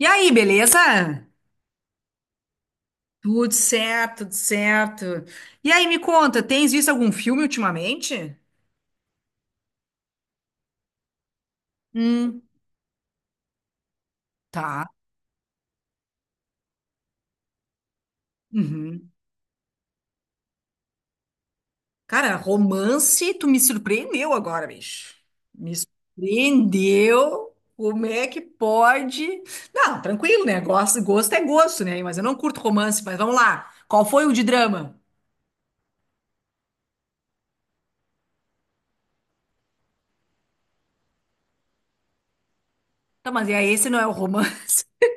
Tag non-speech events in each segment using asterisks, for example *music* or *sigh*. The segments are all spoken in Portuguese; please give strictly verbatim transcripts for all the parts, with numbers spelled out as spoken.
E aí, beleza? Tudo certo, tudo certo. E aí, me conta, tens visto algum filme ultimamente? Hum. Tá. Uhum. Cara, romance, tu me surpreendeu agora, bicho. Me surpreendeu. Como é que pode? Não, tranquilo, né? Gosto, gosto é gosto, né? Mas eu não curto romance, mas vamos lá. Qual foi o de drama? Tá, mas e aí, esse não é o romance? *laughs*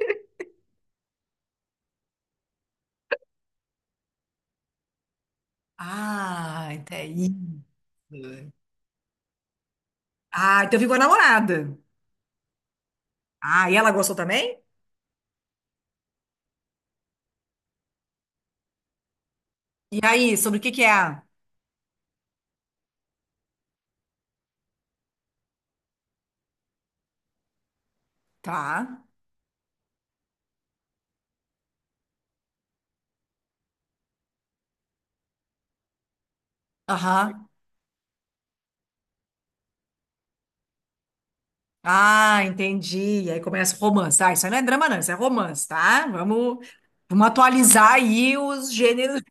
Ah, até isso. Ah, então ficou a namorada. Ah, e ela gostou também? E aí, sobre o que que é? Tá. Aham. Ah, entendi. E aí começa o romance. Ah, isso aí não é drama, não, isso é romance, tá? Vamos, vamos atualizar aí os gêneros.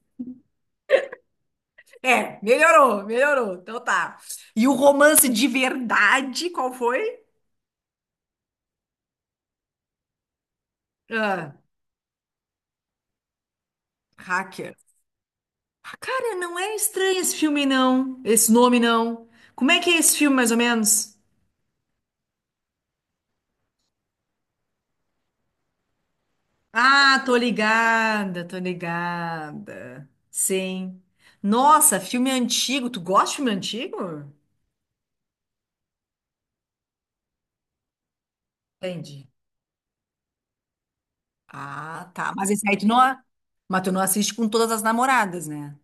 É, melhorou, melhorou. Então tá. E o romance de verdade, qual foi? Ah, Hacker. Ah, cara, não é estranho esse filme, não. Esse nome, não. Como é que é esse filme, mais ou menos? Ah, tô ligada, tô ligada. Sim. Nossa, filme antigo. Tu gosta de filme antigo? Entendi. Ah, tá. Mas esse aí tu não, a- mas tu não assiste com todas as namoradas, né?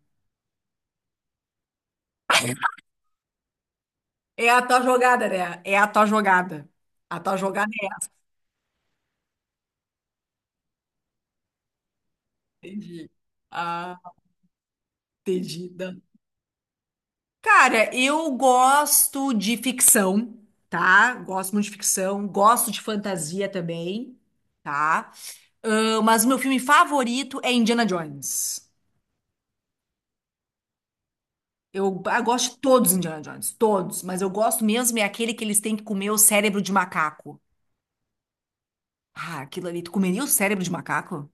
É a tua jogada, né? É a tua jogada. A tua jogada é. Entendi. Ah, entendi. Não. Cara, eu gosto de ficção, tá? Gosto muito de ficção. Gosto de fantasia também, tá? Ah, mas o meu filme favorito é Indiana Jones. Eu, ah, eu gosto de todos os Indiana Jones, todos, mas eu gosto mesmo é aquele que eles têm que comer o cérebro de macaco. Ah, aquilo ali, tu comeria o cérebro de macaco?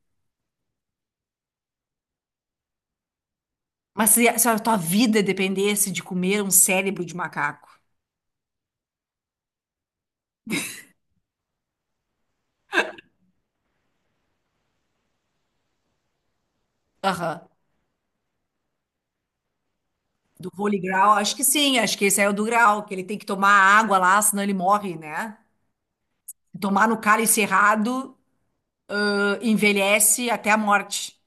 Mas se, a se a tua vida dependesse de comer um cérebro de macaco? Aham. Do Holy Grail, acho que sim, acho que esse é o do Grail, que ele tem que tomar água lá, senão ele morre, né? Tomar no cálice errado, ah, envelhece até a morte.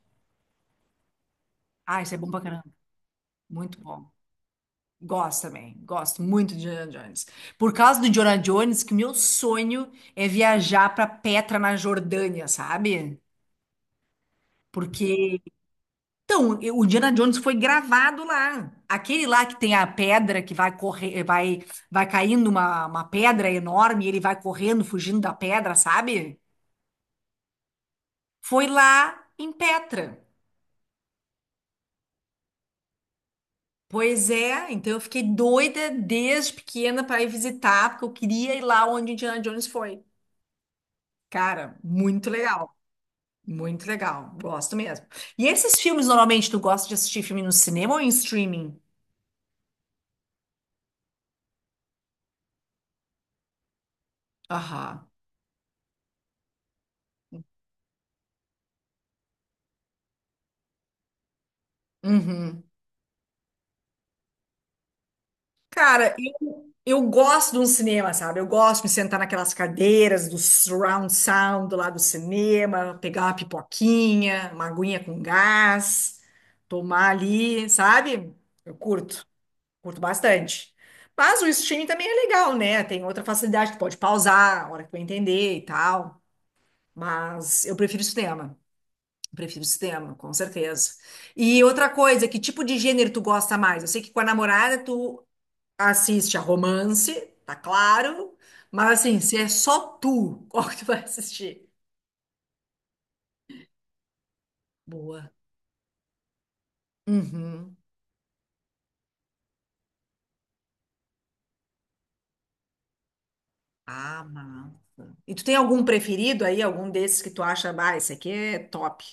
Ah, isso é bom pra caramba. Muito bom. Gosto também, gosto muito de Indiana Jones. Por causa do Indiana Jones, que meu sonho é viajar para Petra, na Jordânia, sabe? Porque, então, eu- o Indiana Jones foi gravado lá. Aquele lá que tem a pedra que vai correr, vai, vai caindo uma, uma pedra enorme e ele vai correndo, fugindo da pedra, sabe? Foi lá em Petra. Pois é, então eu fiquei doida desde pequena para ir visitar, porque eu queria ir lá onde Indiana Jones foi. Cara, muito legal. Muito legal, gosto mesmo. E esses filmes, normalmente, tu gosta de assistir filme no cinema ou em streaming? Aham. Uhum. Cara, eu eu gosto de um cinema, sabe? Eu gosto de me sentar naquelas cadeiras do surround sound lá do cinema, pegar uma pipoquinha, uma aguinha com gás, tomar ali, sabe? Eu curto, curto bastante. Mas o streaming também é legal, né? Tem outra facilidade, tu pode pausar a hora que tu entender e tal. Mas eu prefiro cinema. Prefiro sistema, com certeza. E outra coisa, que tipo de gênero tu gosta mais? Eu sei que com a namorada tu assiste a romance, tá claro, mas assim, se é só tu, *laughs* qual que tu vai assistir? Boa. Uhum. Ah, massa. E tu tem algum preferido aí, algum desses que tu acha, ah, esse aqui é top?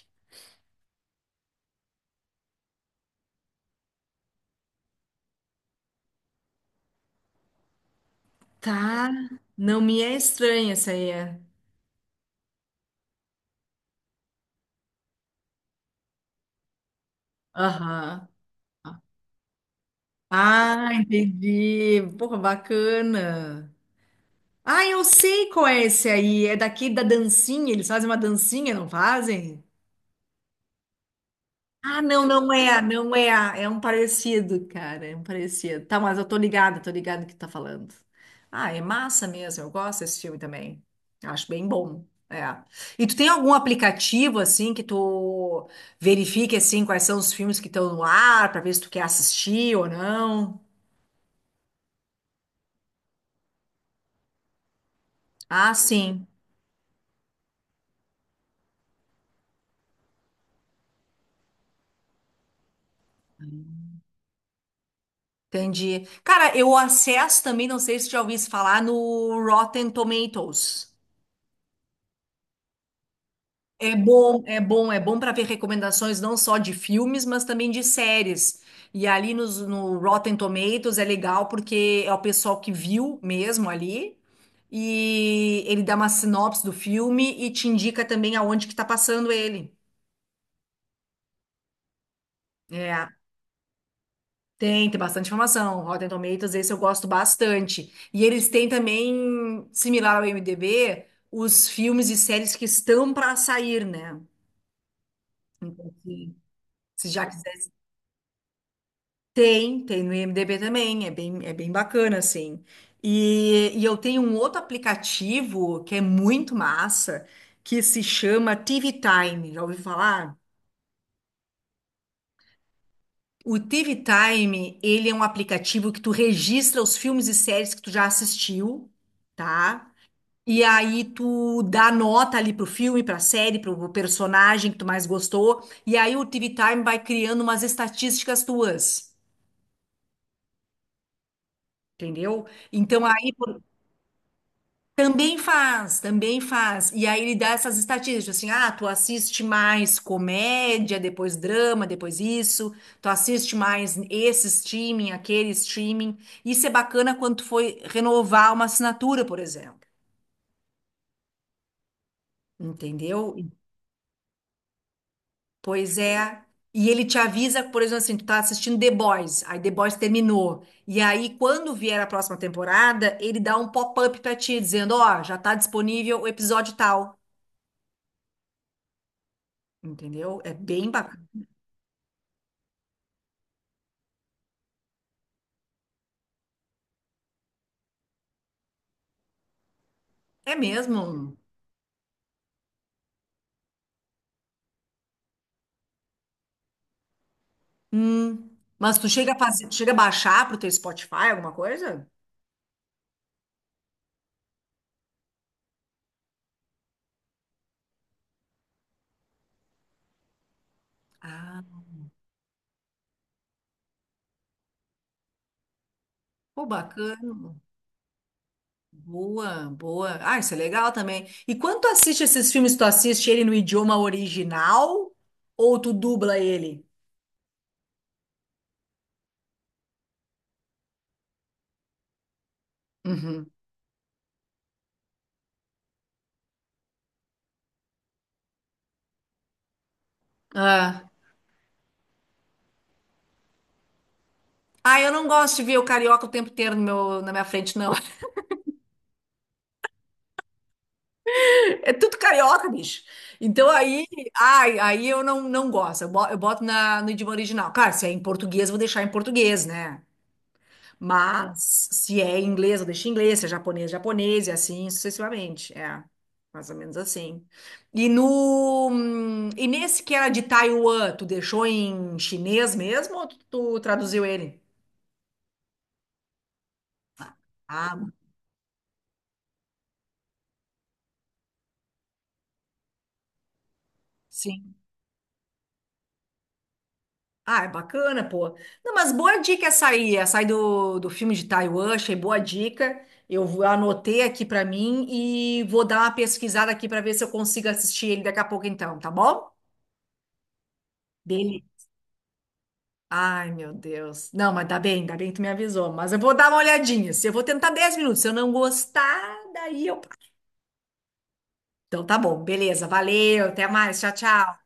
Tá, não me é estranha essa aí. É. Aham. Ah, entendi. Porra, bacana. Ah, eu sei qual é esse aí. É daqui da dancinha. Eles fazem uma dancinha, não fazem? Ah, não, não é, não é. É um parecido, cara. É um parecido. Tá, mas eu tô ligada, tô ligada no que tu tá falando. Ah, é massa mesmo. Eu gosto desse filme também. Acho bem bom. É. E tu tem algum aplicativo assim que tu verifique assim quais são os filmes que estão no ar pra ver se tu quer assistir ou não? Ah, sim. Entendi. Cara, eu acesso também, não sei se já ouvi falar, no Rotten Tomatoes. É bom, é bom, é bom para ver recomendações não só de filmes, mas também de séries. E ali nos, no Rotten Tomatoes é legal porque é o pessoal que viu mesmo ali e ele dá uma sinopse do filme e te indica também aonde que tá passando ele. É. Tem, tem bastante informação. Rotten Tomatoes, esse eu gosto bastante. E eles têm também, similar ao IMDb, os filmes e séries que estão para sair, né? Então, se, se já quiser. Tem, tem no IMDb também. É bem, é bem bacana, assim. E, e eu tenho um outro aplicativo que é muito massa, que se chama T V Time. Já ouviu falar? O T V Time, ele é um aplicativo que tu registra os filmes e séries que tu já assistiu, tá? E aí tu dá nota ali pro filme, pra série, pro personagem que tu mais gostou. E aí o T V Time vai criando umas estatísticas tuas, entendeu? Então aí por- também faz, também faz. E aí ele dá essas estatísticas, assim, ah, tu assiste mais comédia, depois drama, depois isso. Tu assiste mais esse streaming, aquele streaming. Isso é bacana quando tu foi renovar uma assinatura, por exemplo. Entendeu? Pois é. E ele te avisa, por exemplo, assim, tu tá assistindo The Boys, aí The Boys terminou. E aí, quando vier a próxima temporada, ele dá um pop-up pra ti, dizendo, ó, já tá disponível o episódio tal. Entendeu? É bem bacana. É mesmo? um, Hum. Mas tu chega a fazer, tu chega a baixar pro teu Spotify, alguma coisa? Ah, pô, bacana. Boa, boa. Ah, isso é legal também. E quando tu assiste esses filmes, tu assiste ele no idioma original ou tu dubla ele? Uhum. Ah. Ah, eu não gosto de ver o carioca o tempo inteiro no meu, na minha frente, não. *laughs* É tudo carioca, bicho. Então aí, ai, aí eu não, não gosto. Eu bo- eu boto na, no idioma original. Claro, se é em português, eu vou deixar em português, né? Mas se é em inglês, eu deixo em inglês. Se é japonês, japonês, e assim sucessivamente. É, mais ou menos assim. E no, hum, e nesse que era de Taiwan, tu deixou em chinês mesmo ou tu tu traduziu ele? Ah, sim. Ah, é bacana, pô. Não, mas boa dica essa aí, essa aí do, do filme de Taiwan, achei boa dica. Eu vou- anotei aqui pra mim e vou dar uma pesquisada aqui pra ver se eu consigo assistir ele daqui a pouco então, tá bom? Dele. Ai, meu Deus. Não, mas dá bem, dá bem que tu me avisou, mas eu vou dar uma olhadinha. Se eu vou tentar dez minutos, se eu não gostar, daí eu. Então tá bom, beleza, valeu, até mais, tchau, tchau.